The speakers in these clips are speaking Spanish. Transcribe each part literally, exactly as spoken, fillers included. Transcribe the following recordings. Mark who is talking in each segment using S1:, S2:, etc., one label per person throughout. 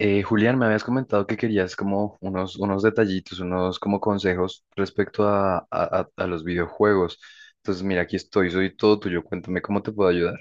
S1: Eh, Julián, me habías comentado que querías como unos, unos detallitos, unos como consejos respecto a, a- a- a los videojuegos. Entonces, mira, aquí estoy, soy todo tuyo, cuéntame cómo te puedo ayudar.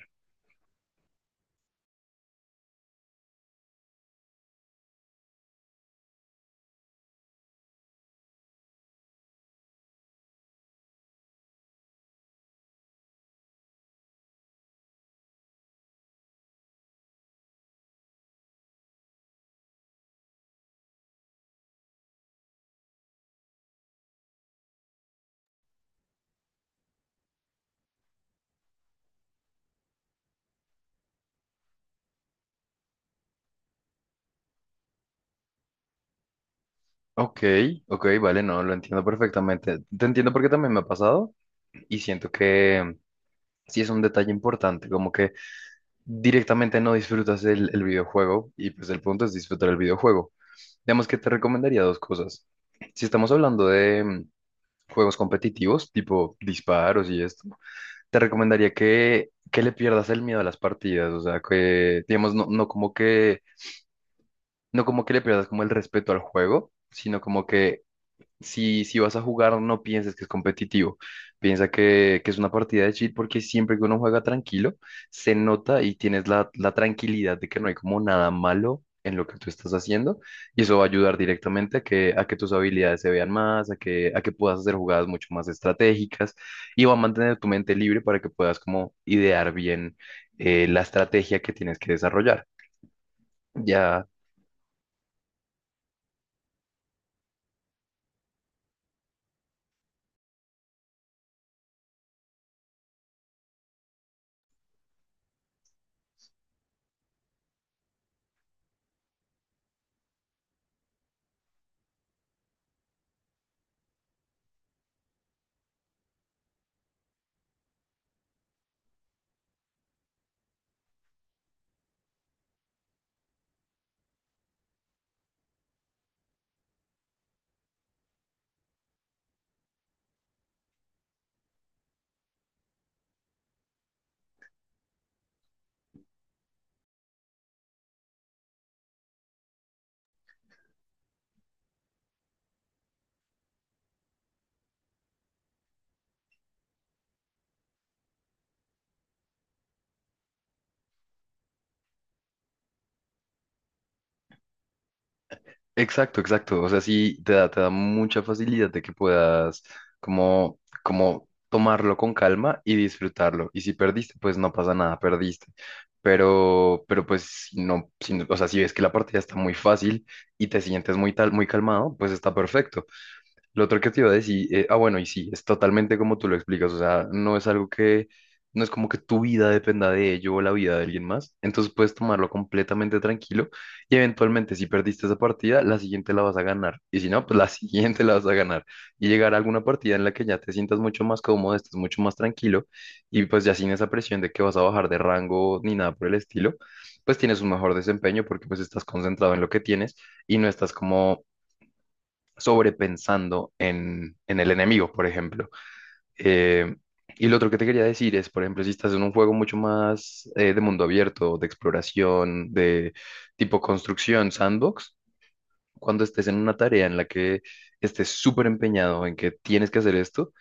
S1: Ok, ok, vale, no, lo entiendo perfectamente. Te entiendo porque también me ha pasado y siento que sí es un detalle importante, como que directamente no disfrutas el, el videojuego y pues el punto es disfrutar el videojuego. Digamos que te recomendaría dos cosas. Si estamos hablando de mm, juegos competitivos, tipo disparos y esto. Te recomendaría que, que le pierdas el miedo a las partidas, o sea, que, digamos, no, no como que, no como que le pierdas como el respeto al juego, sino como que si, si vas a jugar, no pienses que es competitivo. Piensa que, que es una partida de chill porque siempre que uno juega tranquilo, se nota y tienes la, la tranquilidad de que no hay como nada malo en lo que tú estás haciendo. Y eso va a ayudar directamente a que, a que, tus habilidades se vean más, a que, a que puedas hacer jugadas mucho más estratégicas y va a mantener tu mente libre para que puedas como idear bien eh, la estrategia que tienes que desarrollar. Ya. Exacto, exacto. O sea, sí te da, te da mucha facilidad de que puedas como, como tomarlo con calma y disfrutarlo. Y si perdiste, pues no pasa nada, perdiste. Pero, pero pues si no, si no- o sea, si ves que la partida está muy fácil y te sientes muy tal, muy calmado, pues está perfecto. Lo otro que te iba a decir, eh, ah, bueno, y sí, es totalmente como tú lo explicas, o sea, no es algo que, no es como que tu vida dependa de ello o la vida de alguien más, entonces puedes tomarlo completamente tranquilo y eventualmente si perdiste esa partida, la siguiente la vas a ganar, y si no, pues la siguiente la vas a ganar, y llegar a alguna partida en la que ya te sientas mucho más cómodo, estés mucho más tranquilo, y pues ya sin esa presión de que vas a bajar de rango ni nada por el estilo, pues tienes un mejor desempeño porque pues estás concentrado en lo que tienes y no estás como sobrepensando en, en el enemigo, por ejemplo. Eh, y lo otro que te quería decir es, por ejemplo, si estás en un juego mucho más eh, de mundo abierto, de exploración, de tipo construcción, sandbox, cuando estés en una tarea en la que estés súper empeñado en que tienes que hacer esto,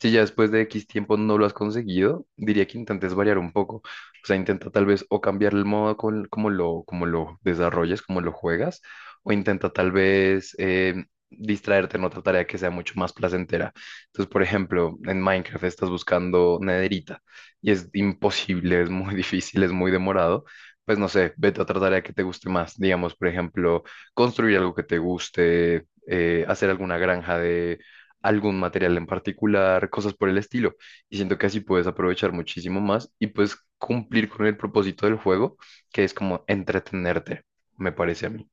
S1: si ya después de X tiempo no lo has conseguido, diría que intentes variar un poco. O sea, intenta tal vez o cambiar el modo con- como lo, como lo desarrollas, como lo juegas, o intenta tal vez eh, distraerte en otra tarea que sea mucho más placentera. Entonces, por ejemplo, en Minecraft estás buscando nederita y es imposible, es muy difícil, es muy demorado. Pues no sé, vete a otra tarea que te guste más. Digamos, por ejemplo, construir algo que te guste, eh, hacer alguna granja algún material en particular, cosas por el estilo. Y siento que así puedes aprovechar muchísimo más y puedes cumplir con el propósito del juego, que es como entretenerte, me parece a mí.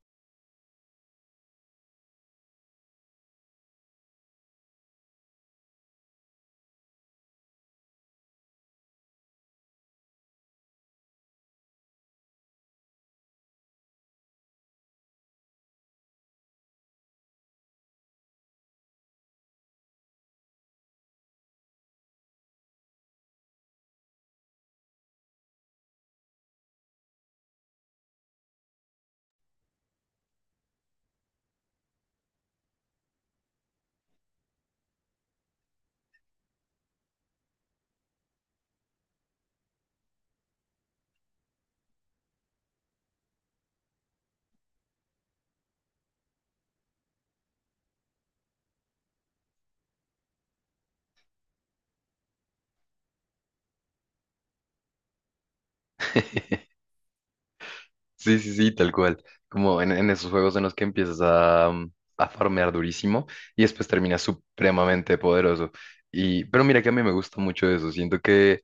S1: Sí, sí, sí, tal cual. Como en, en esos juegos en los que empiezas a, mm, a farmear durísimo y después terminas supremamente poderoso. Y, pero mira que a mí me gusta mucho eso. Siento que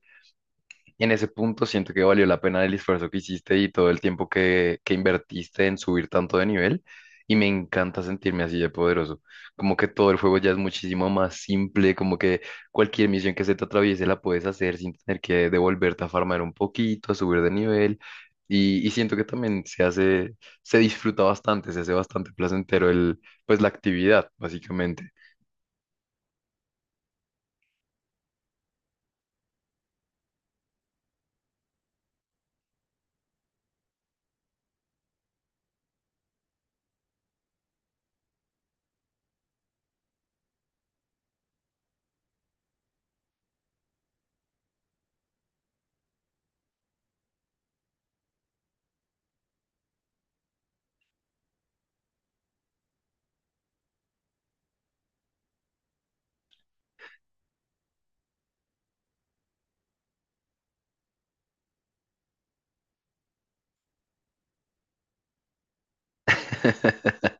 S1: en ese punto siento que valió la pena el esfuerzo que hiciste y todo el tiempo que, que invertiste en subir tanto de nivel. Y me encanta sentirme así de poderoso. Como que todo el juego ya es muchísimo más simple, como que cualquier misión que se te atraviese la puedes hacer sin tener que devolverte a farmar un poquito, a subir de nivel. Y, y siento que también se hace, se disfruta bastante, se hace bastante placentero el, pues la actividad, básicamente.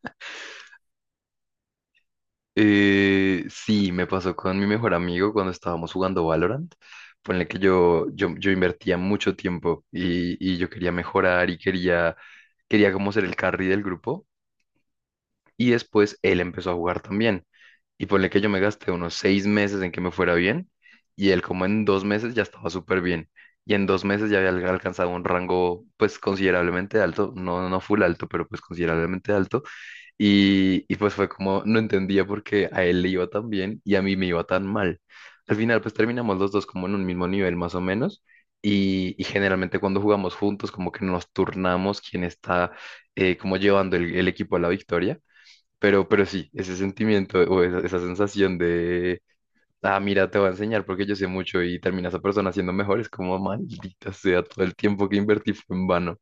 S1: Eh, sí, me pasó con mi mejor amigo cuando estábamos jugando Valorant. Ponle que yo, yo, yo invertía mucho tiempo y, y yo quería mejorar y quería, quería como ser el carry del grupo. Y después él empezó a jugar también. Y ponle que yo me gasté unos seis meses en que me fuera bien y él como en dos meses ya estaba súper bien. Y en dos meses ya había alcanzado un rango pues considerablemente alto, no, no full alto, pero pues considerablemente alto. Y, y pues fue como, no entendía por qué a él le iba tan bien y a mí me iba tan mal. Al final, pues terminamos los dos como en un mismo nivel más o menos. Y, y generalmente cuando jugamos juntos, como que nos turnamos quién está eh, como llevando el, el equipo a la victoria. Pero, pero sí, ese sentimiento o esa, esa, sensación de, ah, mira, te voy a enseñar porque yo sé mucho y termina esa persona siendo mejor, es como, maldita sea, todo el tiempo que invertí fue en vano.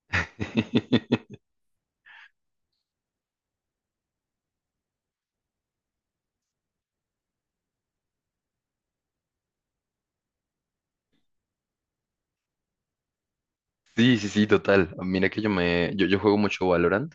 S1: Sí, sí, sí, total. Mira que yo me, yo, yo juego mucho Valorant.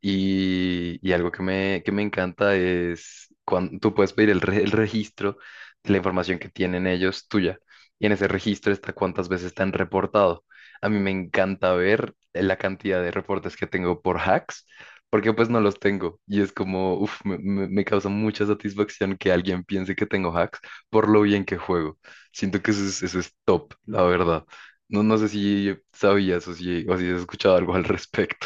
S1: Y, y algo que me, que me encanta es cuando tú puedes pedir el, re- el registro de la información que tienen ellos tuya. Y en ese registro está cuántas veces te han reportado. A mí me encanta ver la cantidad de reportes que tengo por hacks, porque pues no los tengo. Y es como, uff, me, me- me causa mucha satisfacción que alguien piense que tengo hacks por lo bien que juego. Siento que eso es, eso es top, la verdad. No, no sé si sabías o si, o si has escuchado algo al respecto.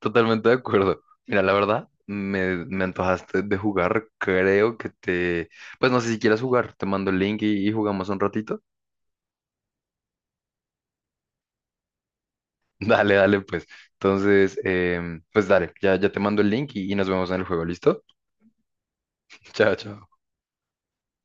S1: Totalmente de acuerdo. Mira, la verdad, me, me antojaste de jugar. Creo que te... Pues no sé si quieras jugar. Te mando el link y, y jugamos un ratito. Dale, dale, pues. Entonces, em, pues dale, ya, ya te mando el link y, y nos vemos en el juego. ¿Listo? Chao, chao.